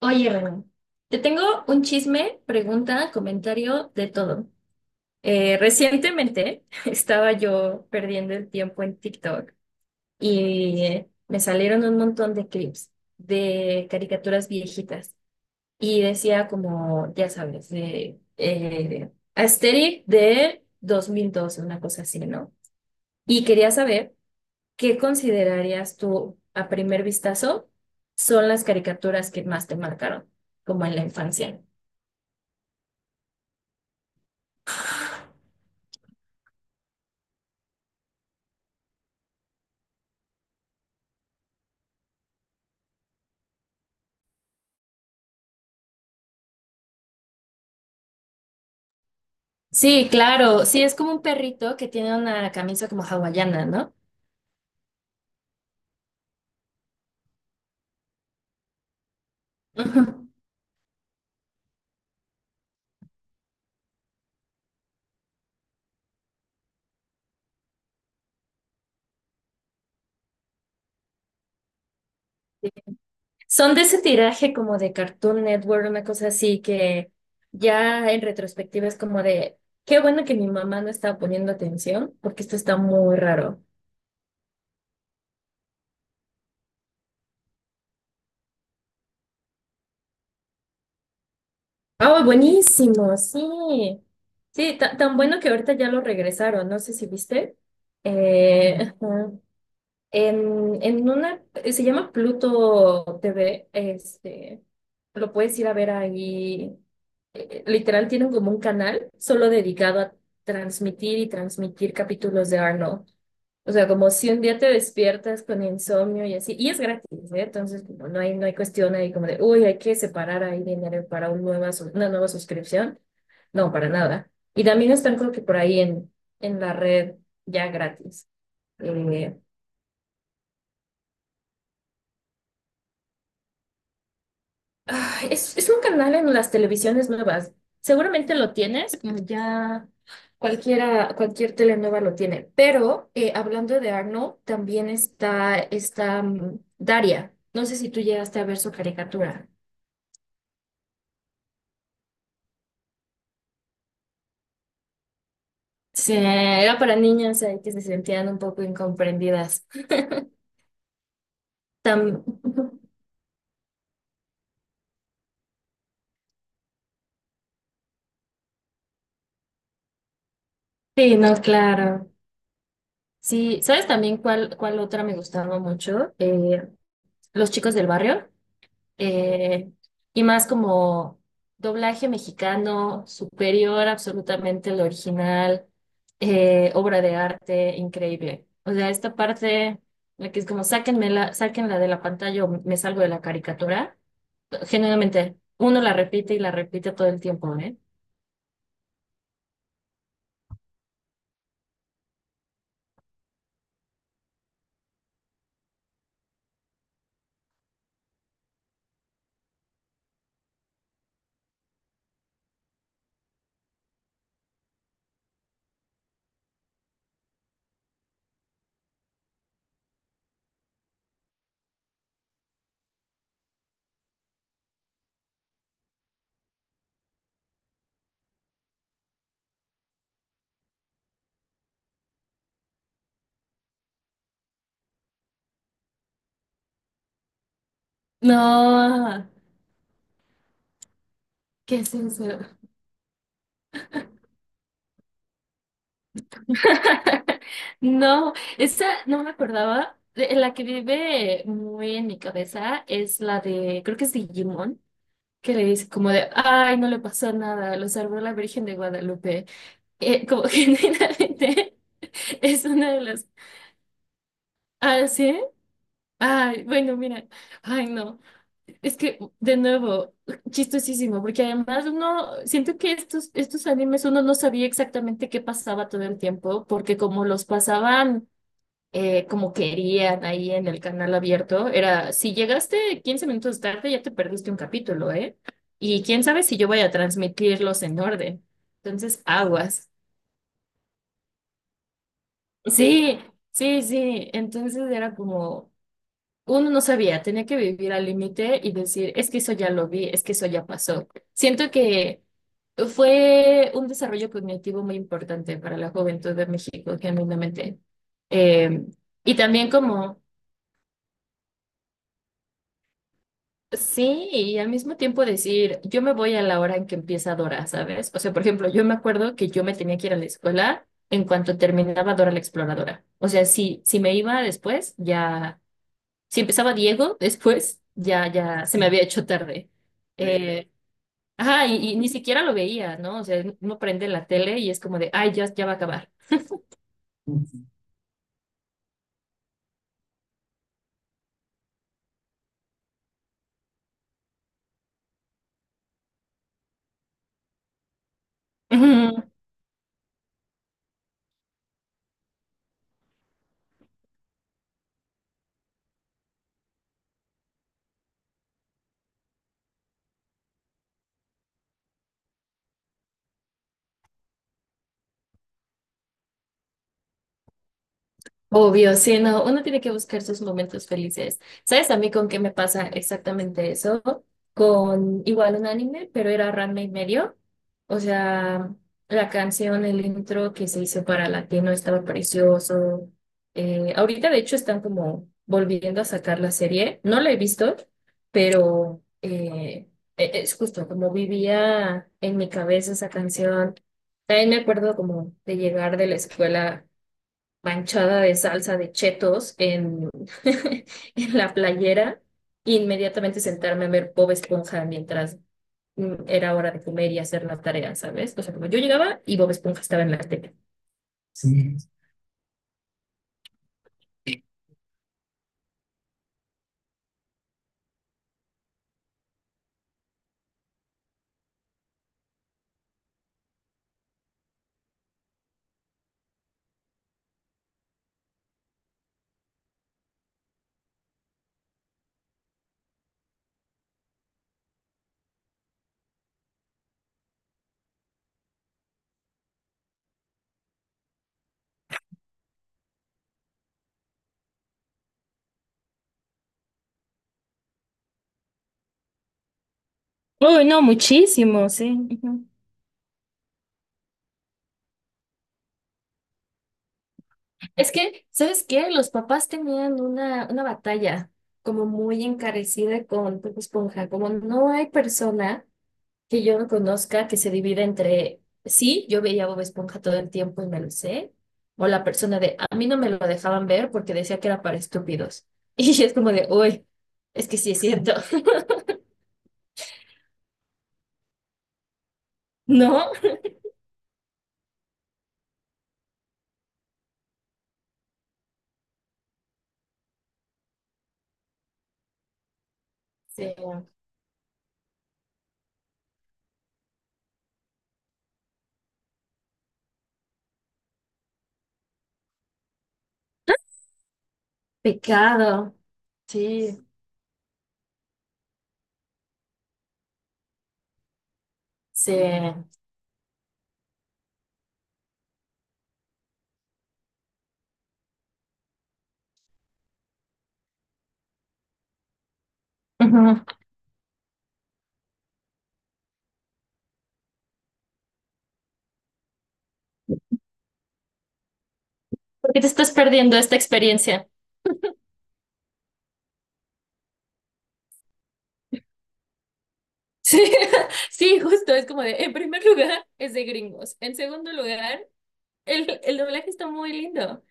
Oye, Renan, te tengo un chisme, pregunta, comentario, de todo. Recientemente estaba yo perdiendo el tiempo en TikTok y me salieron un montón de clips de caricaturas viejitas y decía como, ya sabes, de Asterix de 2012, una cosa así, ¿no? Y quería saber qué considerarías tú a primer vistazo son las caricaturas que más te marcaron, como en la infancia. Sí, claro, sí, es como un perrito que tiene una camisa como hawaiana, ¿no? Ujú. Son de ese tiraje como de Cartoon Network, una cosa así que ya en retrospectiva es como de, qué bueno que mi mamá no estaba poniendo atención, porque esto está muy raro. Ah, buenísimo, sí. Sí, tan bueno que ahorita ya lo regresaron, no sé si viste. Ajá. En una, se llama Pluto TV, este, lo puedes ir a ver ahí. Literal tienen como un canal solo dedicado a transmitir capítulos de Arnold. O sea, como si un día te despiertas con insomnio y así, y es gratis, ¿eh? Entonces, como no hay cuestión ahí como de, uy, hay que separar ahí dinero para un nueva, una nueva suscripción. No, para nada. Y también están creo que por ahí en la red ya gratis. Eh, Ay, es un canal en las televisiones nuevas. Seguramente lo tienes, como ya cualquier tele nueva lo tiene. Pero hablando de Arnold, también está Daria. No sé si tú llegaste a ver su caricatura. Sí, era para niñas ahí que se sentían un poco incomprendidas. Tam- Sí, no, claro. Sí, ¿sabes también cuál otra me gustaba mucho? Los chicos del barrio. eh, y más como doblaje mexicano superior absolutamente al original, obra de arte increíble. O sea, esta parte, la que es como sáquenmela, sáquenla de la pantalla o me salgo de la caricatura, genuinamente uno la repite todo el tiempo, ¿eh? No, ¿qué es eso? No, esa no me acordaba. La que vive muy en mi cabeza es la de, creo que es Digimon, que le dice como de, ay, no le pasó nada, lo salvó la Virgen de Guadalupe. Como generalmente es una de las, ah, sí, ay, bueno, mira, ay, no, es que de nuevo, chistosísimo, porque además uno, siento que estos animes uno no sabía exactamente qué pasaba todo el tiempo, porque como los pasaban como querían ahí en el canal abierto, era, si llegaste 15 minutos tarde, ya te perdiste un capítulo, ¿eh? Y quién sabe si yo voy a transmitirlos en orden. Entonces, aguas. Sí, sí, sí. Entonces era como, uno no sabía, tenía que vivir al límite y decir, es que eso ya lo vi, es que eso ya pasó. Siento que fue un desarrollo cognitivo muy importante para la juventud de México, genuinamente. Em, y también como sí, y al mismo tiempo decir, yo me voy a la hora en que empieza Dora, ¿sabes? O sea, por ejemplo, yo me acuerdo que yo me tenía que ir a la escuela en cuanto terminaba Dora la Exploradora. O sea, si me iba después, ya, si empezaba Diego después, ya, ya se me había hecho tarde. Sí. Ajá, y ni siquiera lo veía, ¿no? O sea, uno prende la tele y es como de, ay, ya, ya va a acabar. Obvio, sí, no, uno tiene que buscar sus momentos felices. ¿Sabes a mí con qué me pasa exactamente eso? Con igual un anime, pero era Ranma y medio. O sea, la canción, el intro que se hizo para Latino estaba precioso. Ahorita, de hecho, están como volviendo a sacar la serie. No la he visto, pero es justo como vivía en mi cabeza esa canción. También me acuerdo como de llegar de la escuela manchada de salsa de chetos en, en la playera e inmediatamente sentarme a ver Bob Esponja mientras era hora de comer y hacer la tarea, ¿sabes? O sea, como yo llegaba y Bob Esponja estaba en la tele. Sí. Uy, no, muchísimo, sí. Ujú. Es que, ¿sabes qué? Los papás tenían una batalla como muy encarecida con Bob Esponja, como no hay persona que yo no conozca que se divida entre, sí, yo veía Bob Esponja todo el tiempo y me lo sé, o la persona de, a mí no me lo dejaban ver porque decía que era para estúpidos. Y es como de, uy, es que sí es cierto, ¿no? Sí. Pecado, sí, sí. Ujú. ¿Por te estás perdiendo esta experiencia? Sí, sí, justo, es como de, en primer lugar es de gringos, en segundo lugar el doblaje está muy lindo.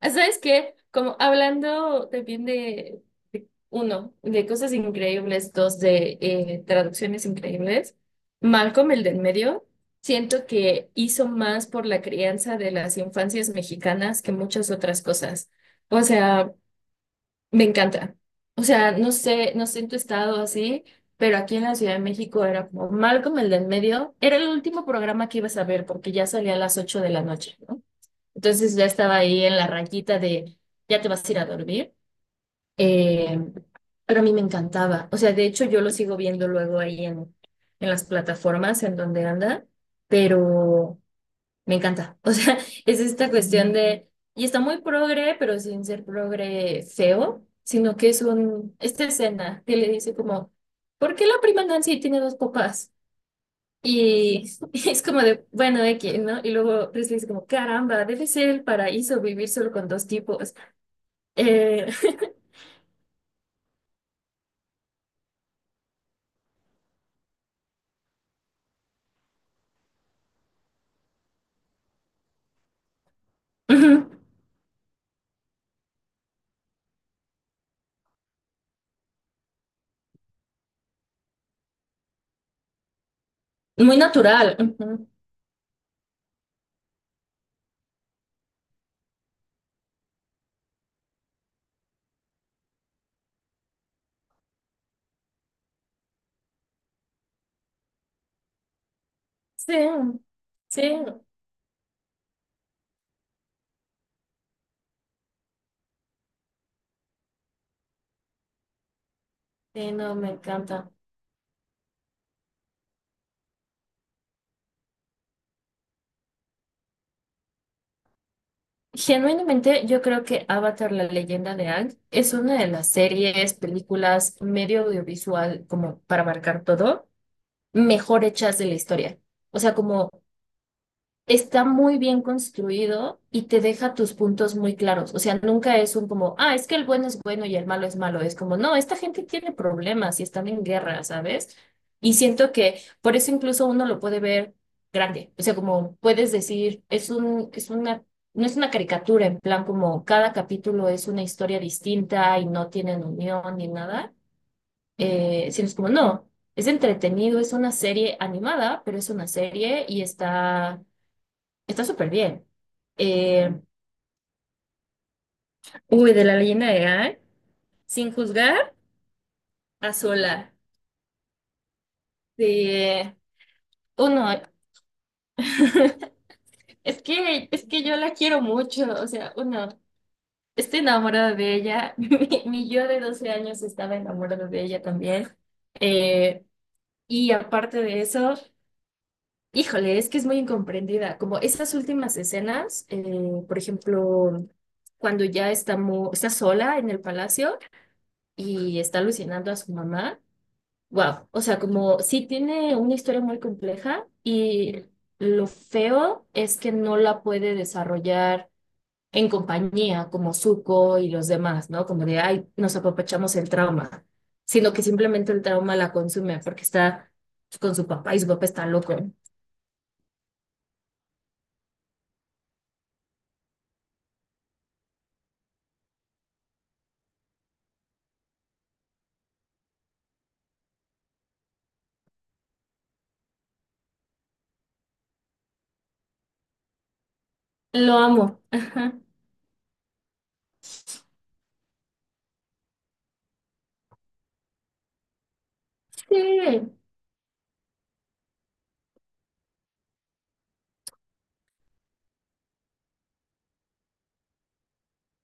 Ah, ¿sabes qué? Como hablando también de- uno, de cosas increíbles, dos, de traducciones increíbles, Malcolm, el del medio, siento que hizo más por la crianza de las infancias mexicanas que muchas otras cosas. O sea, me encanta. O sea, no sé en tu estado así, pero aquí en la Ciudad de México era como Malcolm, el del medio, era el último programa que ibas a ver porque ya salía a las 8 de la noche, ¿no? Entonces ya estaba ahí en la raquita de, ya te vas a ir a dormir. Eh, pero a mí me encantaba. O sea, de hecho yo lo sigo viendo luego ahí en las plataformas en donde anda, pero me encanta. O sea, es esta cuestión de, y está muy progre, pero sin ser progre feo, sino que es un, esta escena que le dice como, ¿por qué la prima Nancy tiene dos papás? Y es como de, bueno, X, ¿no? Y luego Presley dice como, caramba, debe ser el paraíso vivir solo con dos tipos. Eh, Ujú, muy natural. Ujú. Sí, sí, sí, no, me encanta. Genuinamente, yo creo que Avatar, la leyenda de Aang, es una de las series, películas, medio audiovisual, como para marcar todo, mejor hechas de la historia. O sea, como está muy bien construido y te deja tus puntos muy claros. O sea, nunca es un como, ah, es que el bueno es bueno y el malo. Es como, no, esta gente tiene problemas y están en guerra, ¿sabes? Y siento que por eso incluso uno lo puede ver grande. O sea, como puedes decir, es una, no es una caricatura, en plan como cada capítulo es una historia distinta y no tienen unión ni nada. Sino es como, no, es entretenido, es una serie animada, pero es una serie y está, está súper bien. Eh, Uy, de la leyenda de Aang, sin juzgar a sola. De uno, es que yo la quiero mucho. O sea, uno, estoy enamorada de ella. Mi yo de 12 años estaba enamorada de ella también. Eh, y aparte de eso, híjole, es que es muy incomprendida. Como esas últimas escenas, por ejemplo, cuando ya está, está sola en el palacio y está alucinando a su mamá. Wow, o sea, como sí tiene una historia muy compleja y lo feo es que no la puede desarrollar en compañía como Zuko y los demás, ¿no? Como de, ay, nos apapachamos el trauma, sino que simplemente el trauma la consume porque está con su papá y su papá está loco. Lo amo. Ajá. Sí.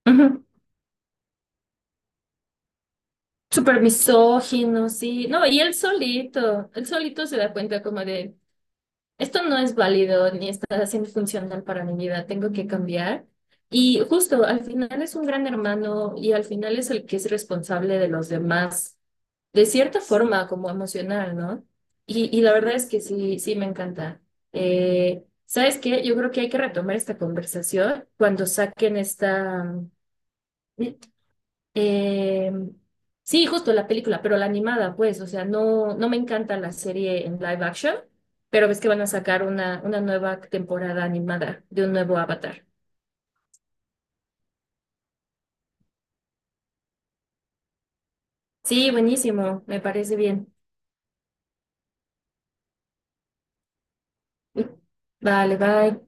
Ajá. Súper misógino, sí. No, y él solito se da cuenta como de... esto no es válido ni está siendo funcional para mi vida, tengo que cambiar. Y justo al final es un gran hermano y al final es el que es responsable de los demás, de cierta forma como emocional, ¿no? Y la verdad es que sí, sí me encanta. ¿Sabes qué? Yo creo que hay que retomar esta conversación cuando saquen esta... Eh, sí, justo la película, pero la animada, pues, o sea, no, no me encanta la serie en live action, pero ves que van a sacar una nueva temporada animada de un nuevo Avatar. Sí, buenísimo, me parece bien. Vale, bye.